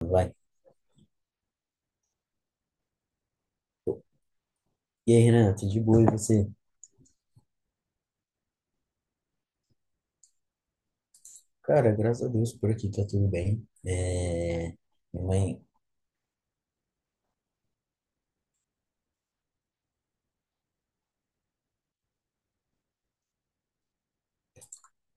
Vai. E aí, Renan, tudo de boa e você? Cara, graças a Deus por aqui tá tudo bem. Minha mãe,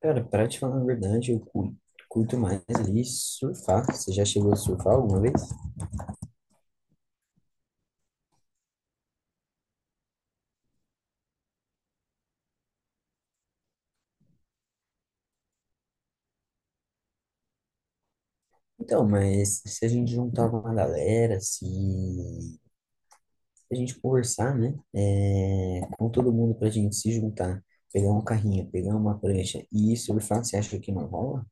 cara, pra te falar a verdade, curto mais ali surfar. Você já chegou a surfar alguma vez? Então, mas se a gente juntar uma galera, se a gente conversar, né? Com todo mundo pra gente se juntar, pegar um carrinho, pegar uma prancha e surfar, você acha que não rola?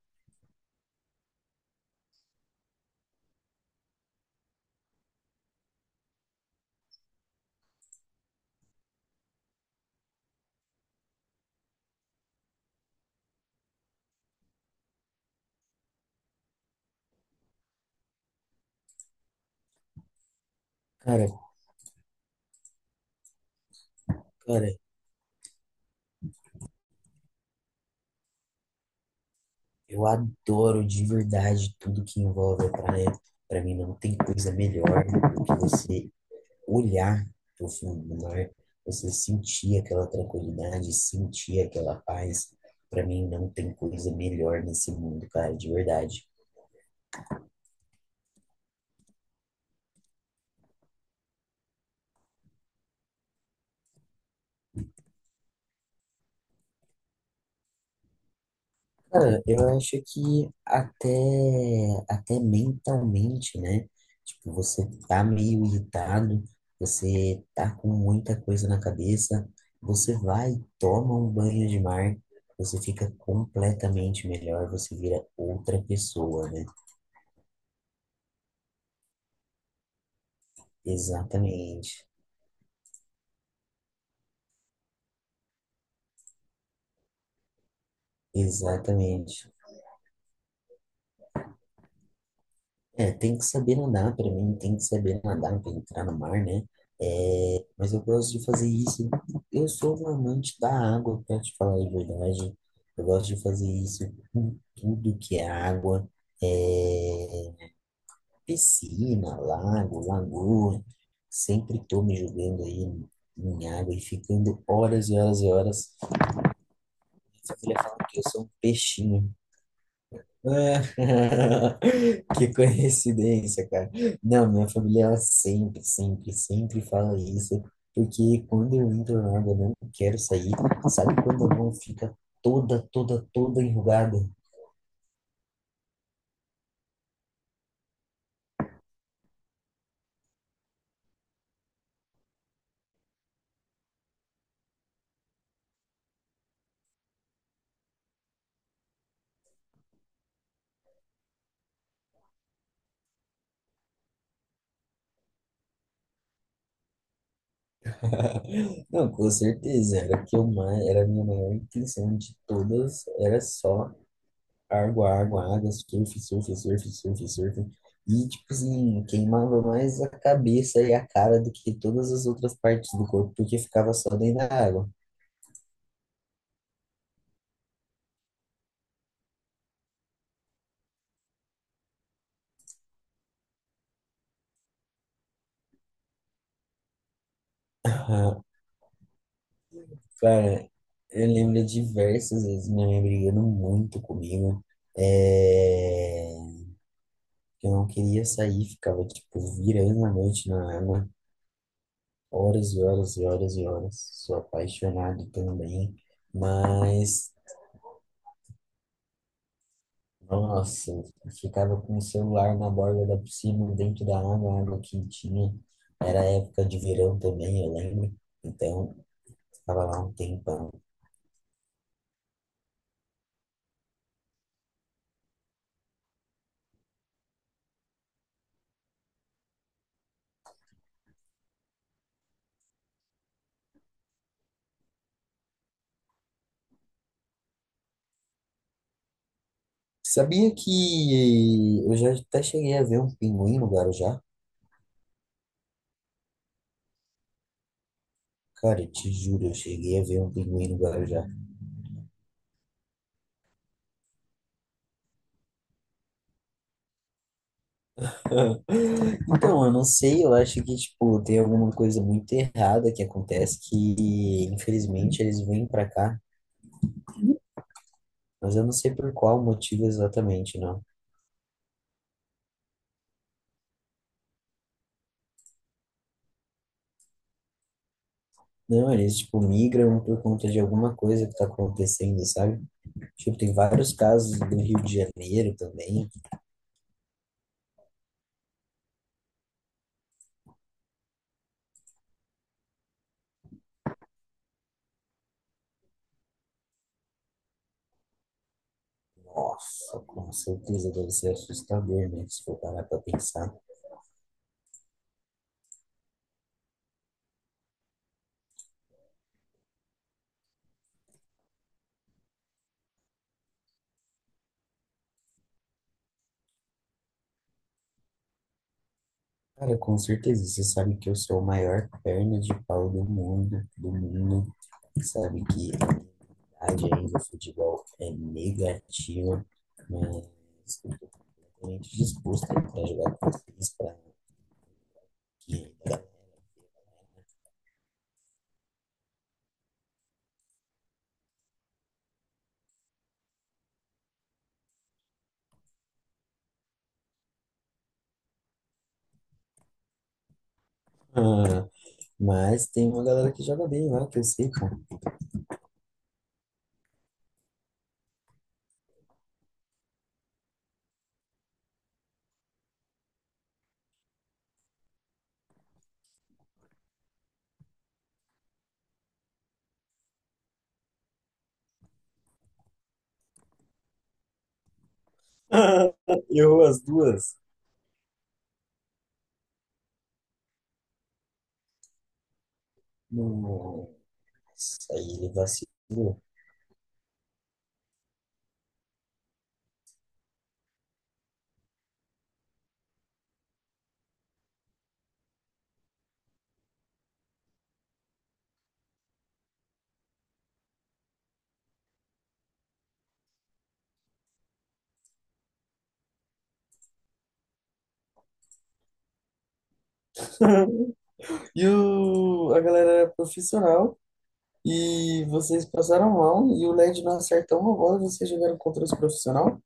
Cara, cara. Eu adoro de verdade tudo que envolve a praia. Para mim não tem coisa melhor do que você olhar para fundo do mar, você sentir aquela tranquilidade, sentir aquela paz. Para mim não tem coisa melhor nesse mundo, cara, de verdade. Cara, eu acho que até mentalmente, né? Tipo, você tá meio irritado, você tá com muita coisa na cabeça, você vai, toma um banho de mar, você fica completamente melhor, você vira outra pessoa, né? Exatamente, exatamente. É, tem que saber nadar para mim, tem que saber nadar para entrar no mar, né? É, mas eu gosto de fazer isso. Eu sou um amante da água, para te falar a verdade. Eu gosto de fazer isso com tudo que é água, é, piscina, lago, lagoa. Sempre tô me jogando aí em água e ficando horas e horas e horas. Minha família fala que eu sou um peixinho. Ah, que coincidência, cara. Não, minha família ela sempre fala isso, porque quando eu entro na água, eu não quero sair. Sabe quando a mão fica toda enrugada? Não, com certeza, era o que era a minha maior intenção de todas, era só água, água, água, surf, surf, surf, surf, surf. E, tipo assim, queimava mais a cabeça e a cara do que todas as outras partes do corpo, porque ficava só dentro da água. Ah, cara, eu lembro de diversas vezes minha mãe brigando muito comigo. É... Eu não queria sair, ficava, tipo, virando a noite na água, horas e horas e horas e horas. Sou apaixonado também, mas. Nossa, eu ficava com o celular na borda da piscina, dentro da água, a água quentinha. Era época de verão também, eu lembro. Então, ficava lá um tempão. Sabia que eu já até cheguei a ver um pinguim no Guarujá? Cara, eu te juro, eu cheguei a ver um pinguim no Guarujá. Então, eu não sei, eu acho que, tipo, tem alguma coisa muito errada que acontece que, infelizmente, eles vêm pra cá, mas eu não sei por qual motivo exatamente, não. Não, eles, tipo, migram por conta de alguma coisa que tá acontecendo, sabe? Tipo, tem vários casos do Rio de Janeiro também. Nossa, com certeza deve ser assustador, né? Se for parar pra pensar. Cara, com certeza, você sabe que eu sou a maior perna de pau do mundo, do mundo. Sabe que a minha idade ainda, o futebol é negativa, mas eu tô completamente disposto a ir pra jogar com vocês, pra que ainda... Ah, mas tem uma galera que joga bem lá, que eu sei, pô. Errou as duas. Nossa, aí ele vacilou. A galera era profissional. E vocês passaram mal e o LED não acertou uma bola e vocês jogaram contra os profissional?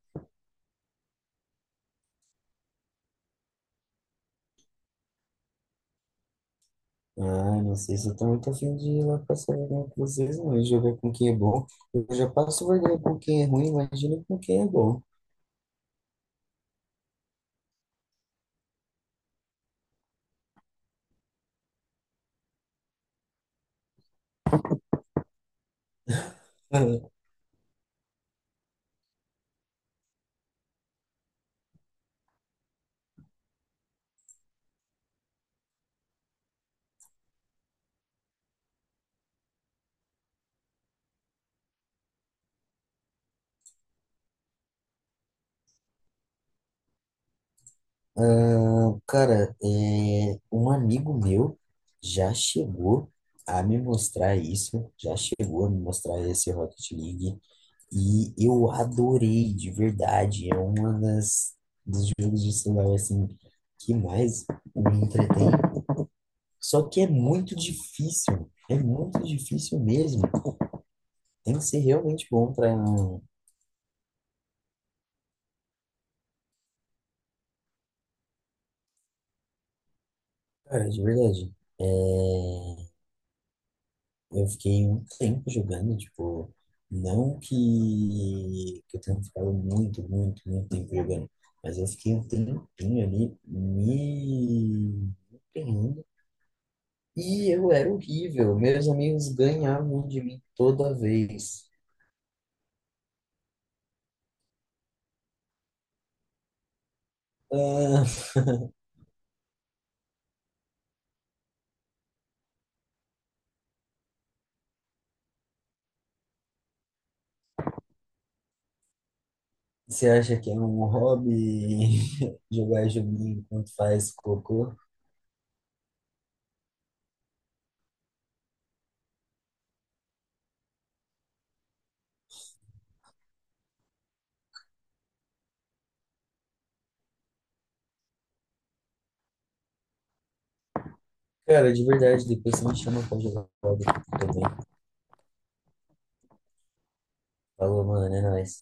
Ah, não sei se eu tô muito afim de ir lá passar vergonha com vocês, não. Eu jogar com quem é bom. Eu já passo vergonha com quem é ruim, imagina com quem é bom. Ah, cara, é, um amigo meu já chegou a me mostrar isso, já chegou a me mostrar esse Rocket League e eu adorei de verdade. É uma das dos jogos de celular assim que mais me entretém. Só que é muito difícil mesmo. Tem que ser realmente bom para, cara, de verdade. É, eu fiquei um tempo jogando, tipo, não que eu tenha ficado muito tempo jogando, mas eu fiquei um tempinho ali me empenhando e eu era horrível. Meus amigos ganhavam de mim toda vez. Ah, você acha que é um hobby jogar joguinho enquanto faz cocô? Cara, de verdade, depois você me chama pra jogar hobby também. Falou, mano, é nóis.